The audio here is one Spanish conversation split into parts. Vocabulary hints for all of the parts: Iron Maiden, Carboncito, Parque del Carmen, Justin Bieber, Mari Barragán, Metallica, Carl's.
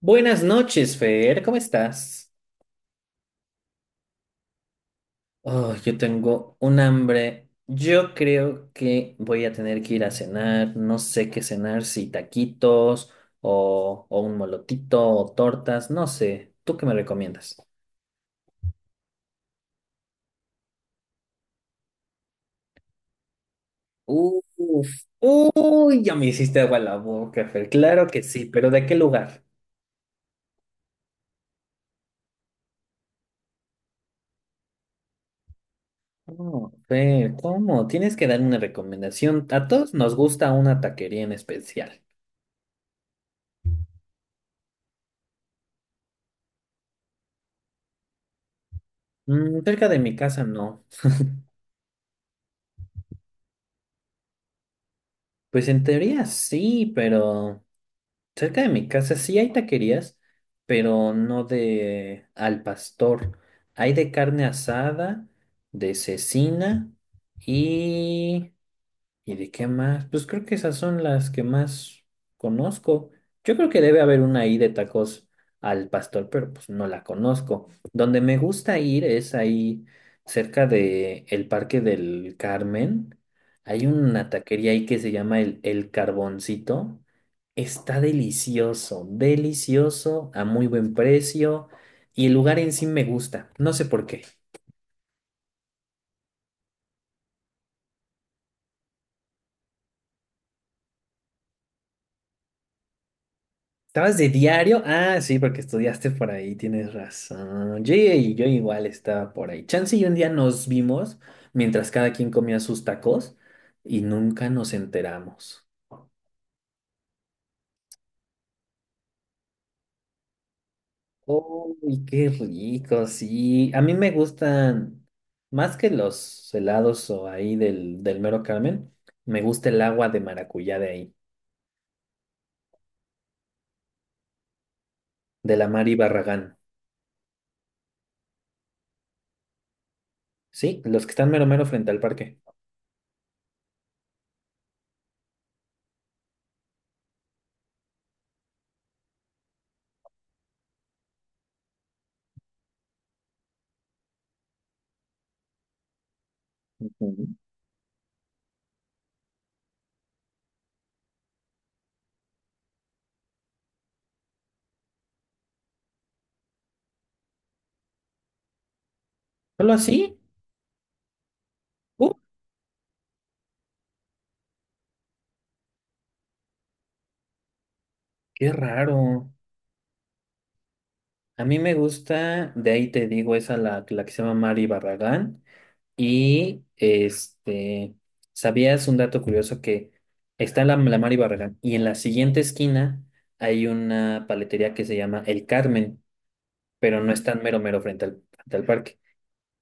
Buenas noches, Fer, ¿cómo estás? Oh, yo tengo un hambre. Yo creo que voy a tener que ir a cenar. No sé qué cenar, si taquitos o un molotito o tortas, no sé. ¿Tú qué me recomiendas? Uf, uy, ya me hiciste agua la boca, Fer. Claro que sí, pero ¿de qué lugar? Oh, Fer, ¿cómo? Tienes que darme una recomendación. A todos nos gusta una taquería en especial. Cerca de mi casa no. Pues en teoría sí, pero cerca de mi casa sí hay taquerías, pero no de al pastor. Hay de carne asada, de cecina y ¿Y de qué más? Pues creo que esas son las que más conozco. Yo creo que debe haber una ahí de tacos al pastor, pero pues no la conozco. Donde me gusta ir es ahí cerca de el Parque del Carmen. Hay una taquería ahí que se llama el Carboncito. Está delicioso, delicioso, a muy buen precio. Y el lugar en sí me gusta. No sé por qué. ¿Estabas de diario? Ah, sí, porque estudiaste por ahí, tienes razón. Yo igual estaba por ahí. Chance y un día nos vimos mientras cada quien comía sus tacos y nunca nos enteramos. Uy, qué rico, sí. A mí me gustan más que los helados o ahí del mero Carmen, me gusta el agua de maracuyá de ahí, de la Mari Barragán. Sí, los que están mero mero frente al parque. Ujú. ¿Solo así? Uh, qué raro. A mí me gusta, de ahí te digo, esa la que se llama Mari Barragán. Y este, ¿Sabías un dato curioso que está la Mari Barragán y en la siguiente esquina hay una paletería que se llama El Carmen, pero no es tan mero mero frente al parque?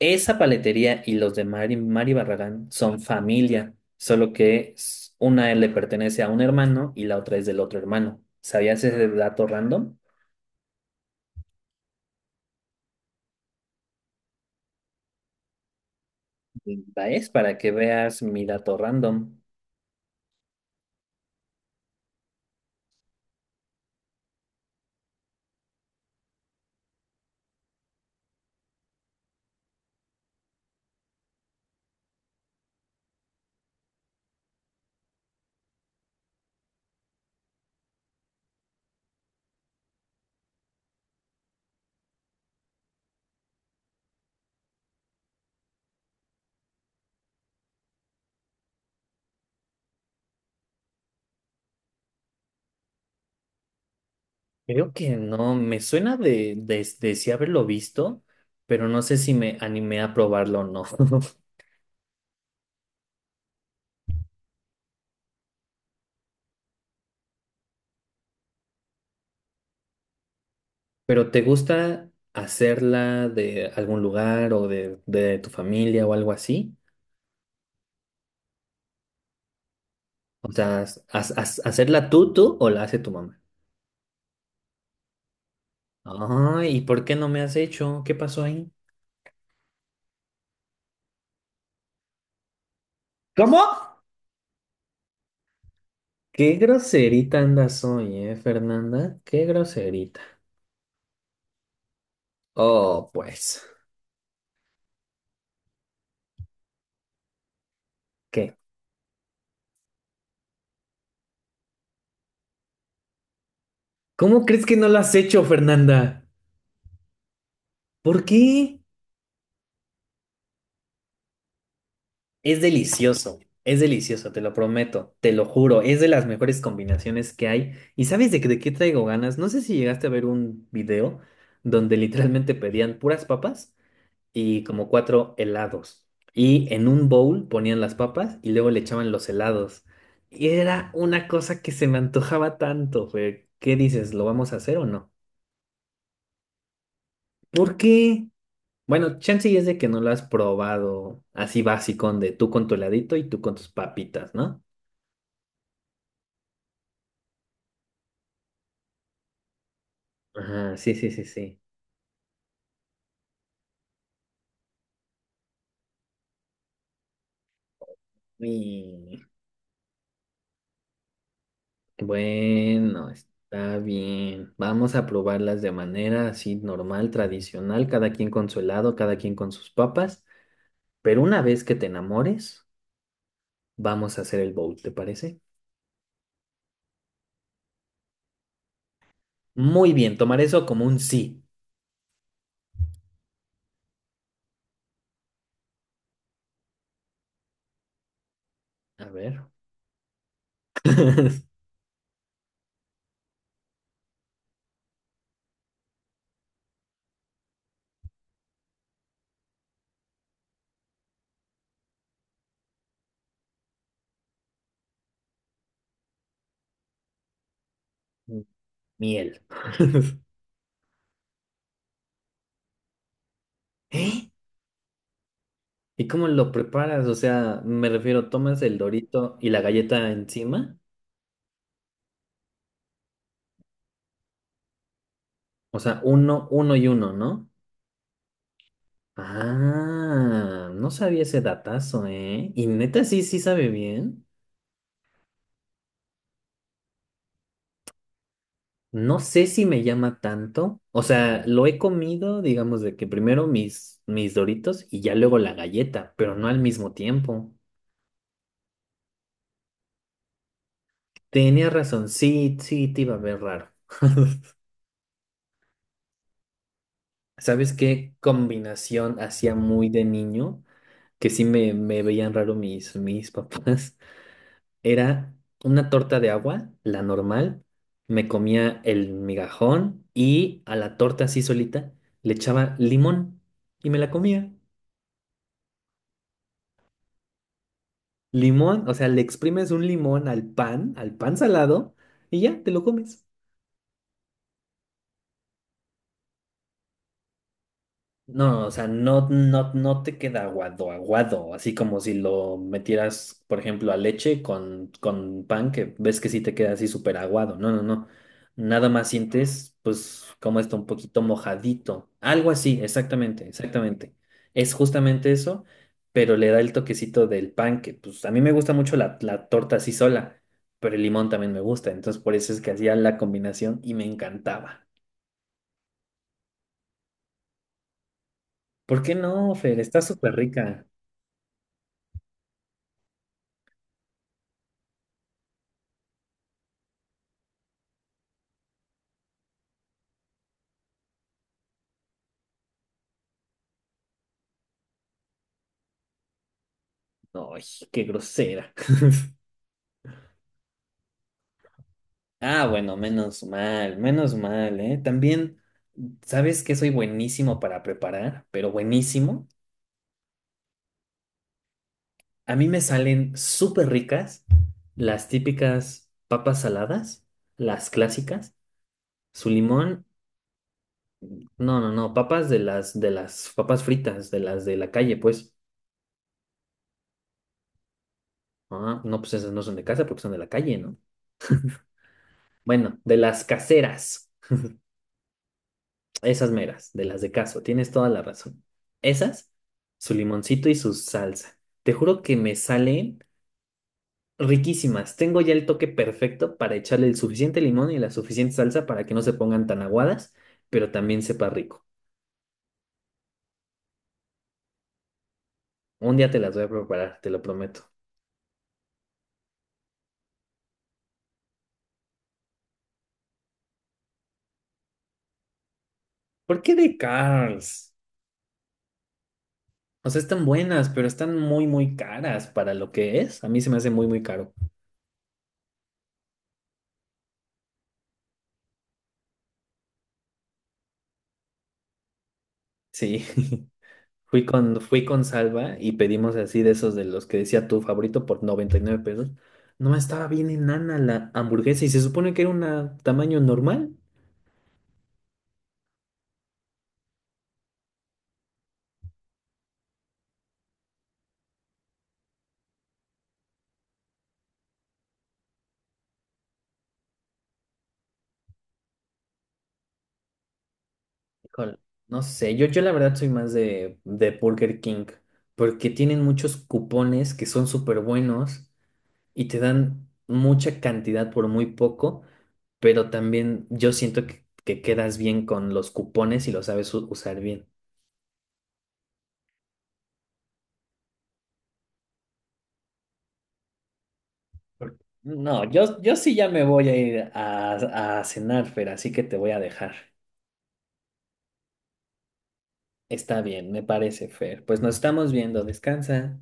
Esa paletería y los de Mari Barragán son familia, solo que una le pertenece a un hermano y la otra es del otro hermano. ¿Sabías ese dato random? Es para que veas mi dato random. Creo que no, me suena de sí haberlo visto, pero no sé si me animé a probarlo o no. ¿Pero te gusta hacerla de algún lugar o de tu familia o algo así? O sea, ¿hacerla tú o la hace tu mamá? Ay, ¿y por qué no me has hecho? ¿Qué pasó ahí? ¿Cómo? Qué groserita andas hoy, ¿eh, Fernanda? Qué groserita. Oh, pues, ¿qué? ¿Cómo crees que no lo has hecho, Fernanda? ¿Por qué? Es delicioso, te lo prometo, te lo juro, es de las mejores combinaciones que hay. ¿Y sabes de qué traigo ganas? No sé si llegaste a ver un video donde literalmente pedían puras papas y como cuatro helados. Y en un bowl ponían las papas y luego le echaban los helados. Y era una cosa que se me antojaba tanto, Fer. ¿Qué dices? ¿Lo vamos a hacer o no? ¿Por qué? Bueno, chance y es de que no lo has probado así básico, de tú con tu heladito y tú con tus papitas, ¿no? Ajá, sí, sí, sí, sí. Y bueno, está bien. Vamos a probarlas de manera así normal, tradicional, cada quien con su helado, cada quien con sus papas. Pero una vez que te enamores, vamos a hacer el bowl, ¿te parece? Muy bien, tomar eso como un sí. A ver. Miel. ¿Eh? ¿Y cómo lo preparas? O sea, me refiero, tomas el dorito y la galleta encima. O sea, uno, uno y uno, ¿no? Ah, no sabía ese datazo, ¿eh? Y neta, sí, sí sabe bien. No sé si me llama tanto. O sea, lo he comido, digamos, de que primero mis doritos y ya luego la galleta, pero no al mismo tiempo. Tenía razón, sí, sí, te iba a ver raro. ¿Sabes qué combinación hacía muy de niño? Que sí me veían raro mis papás, era una torta de agua, la normal, me comía el migajón y a la torta así solita le echaba limón y me la comía. Limón, o sea, le exprimes un limón al pan salado y ya te lo comes. No, o sea, no, no, no te queda aguado, aguado, así como si lo metieras, por ejemplo, a leche con pan, que ves que sí te queda así súper aguado. No, no, no. Nada más sientes, pues, como está un poquito mojadito. Algo así, exactamente, exactamente. Es justamente eso, pero le da el toquecito del pan, que pues a mí me gusta mucho la torta así sola, pero el limón también me gusta, entonces por eso es que hacía la combinación y me encantaba. ¿Por qué no, Fer? Está súper rica. Ay, qué grosera. Ah, bueno, menos mal, ¿eh? También, ¿sabes que soy buenísimo para preparar? Pero buenísimo. A mí me salen súper ricas las típicas papas saladas, las clásicas, su limón, no, no, no, papas de las papas fritas, de las de la calle, pues. Ah, no, pues esas no son de casa porque son de la calle, ¿no? Bueno, de las caseras. Esas meras, de las de caso, tienes toda la razón. Esas, su limoncito y su salsa. Te juro que me salen riquísimas. Tengo ya el toque perfecto para echarle el suficiente limón y la suficiente salsa para que no se pongan tan aguadas, pero también sepa rico. Un día te las voy a preparar, te lo prometo. ¿Por qué de Carl's? O sea, están buenas, pero están muy, muy caras para lo que es. A mí se me hace muy, muy caro. Sí. Fui con Salva y pedimos así de esos de los que decía tu favorito por 99 pesos. No estaba bien enana la hamburguesa y se supone que era un tamaño normal. Híjole, no sé, yo, la verdad soy más de Burger King porque tienen muchos cupones que son súper buenos y te dan mucha cantidad por muy poco, pero también yo siento que quedas bien con los cupones y lo sabes usar bien. No, yo, sí ya me voy a ir a cenar, Fer, así que te voy a dejar. Está bien, me parece, Fer. Pues nos estamos viendo, descansa.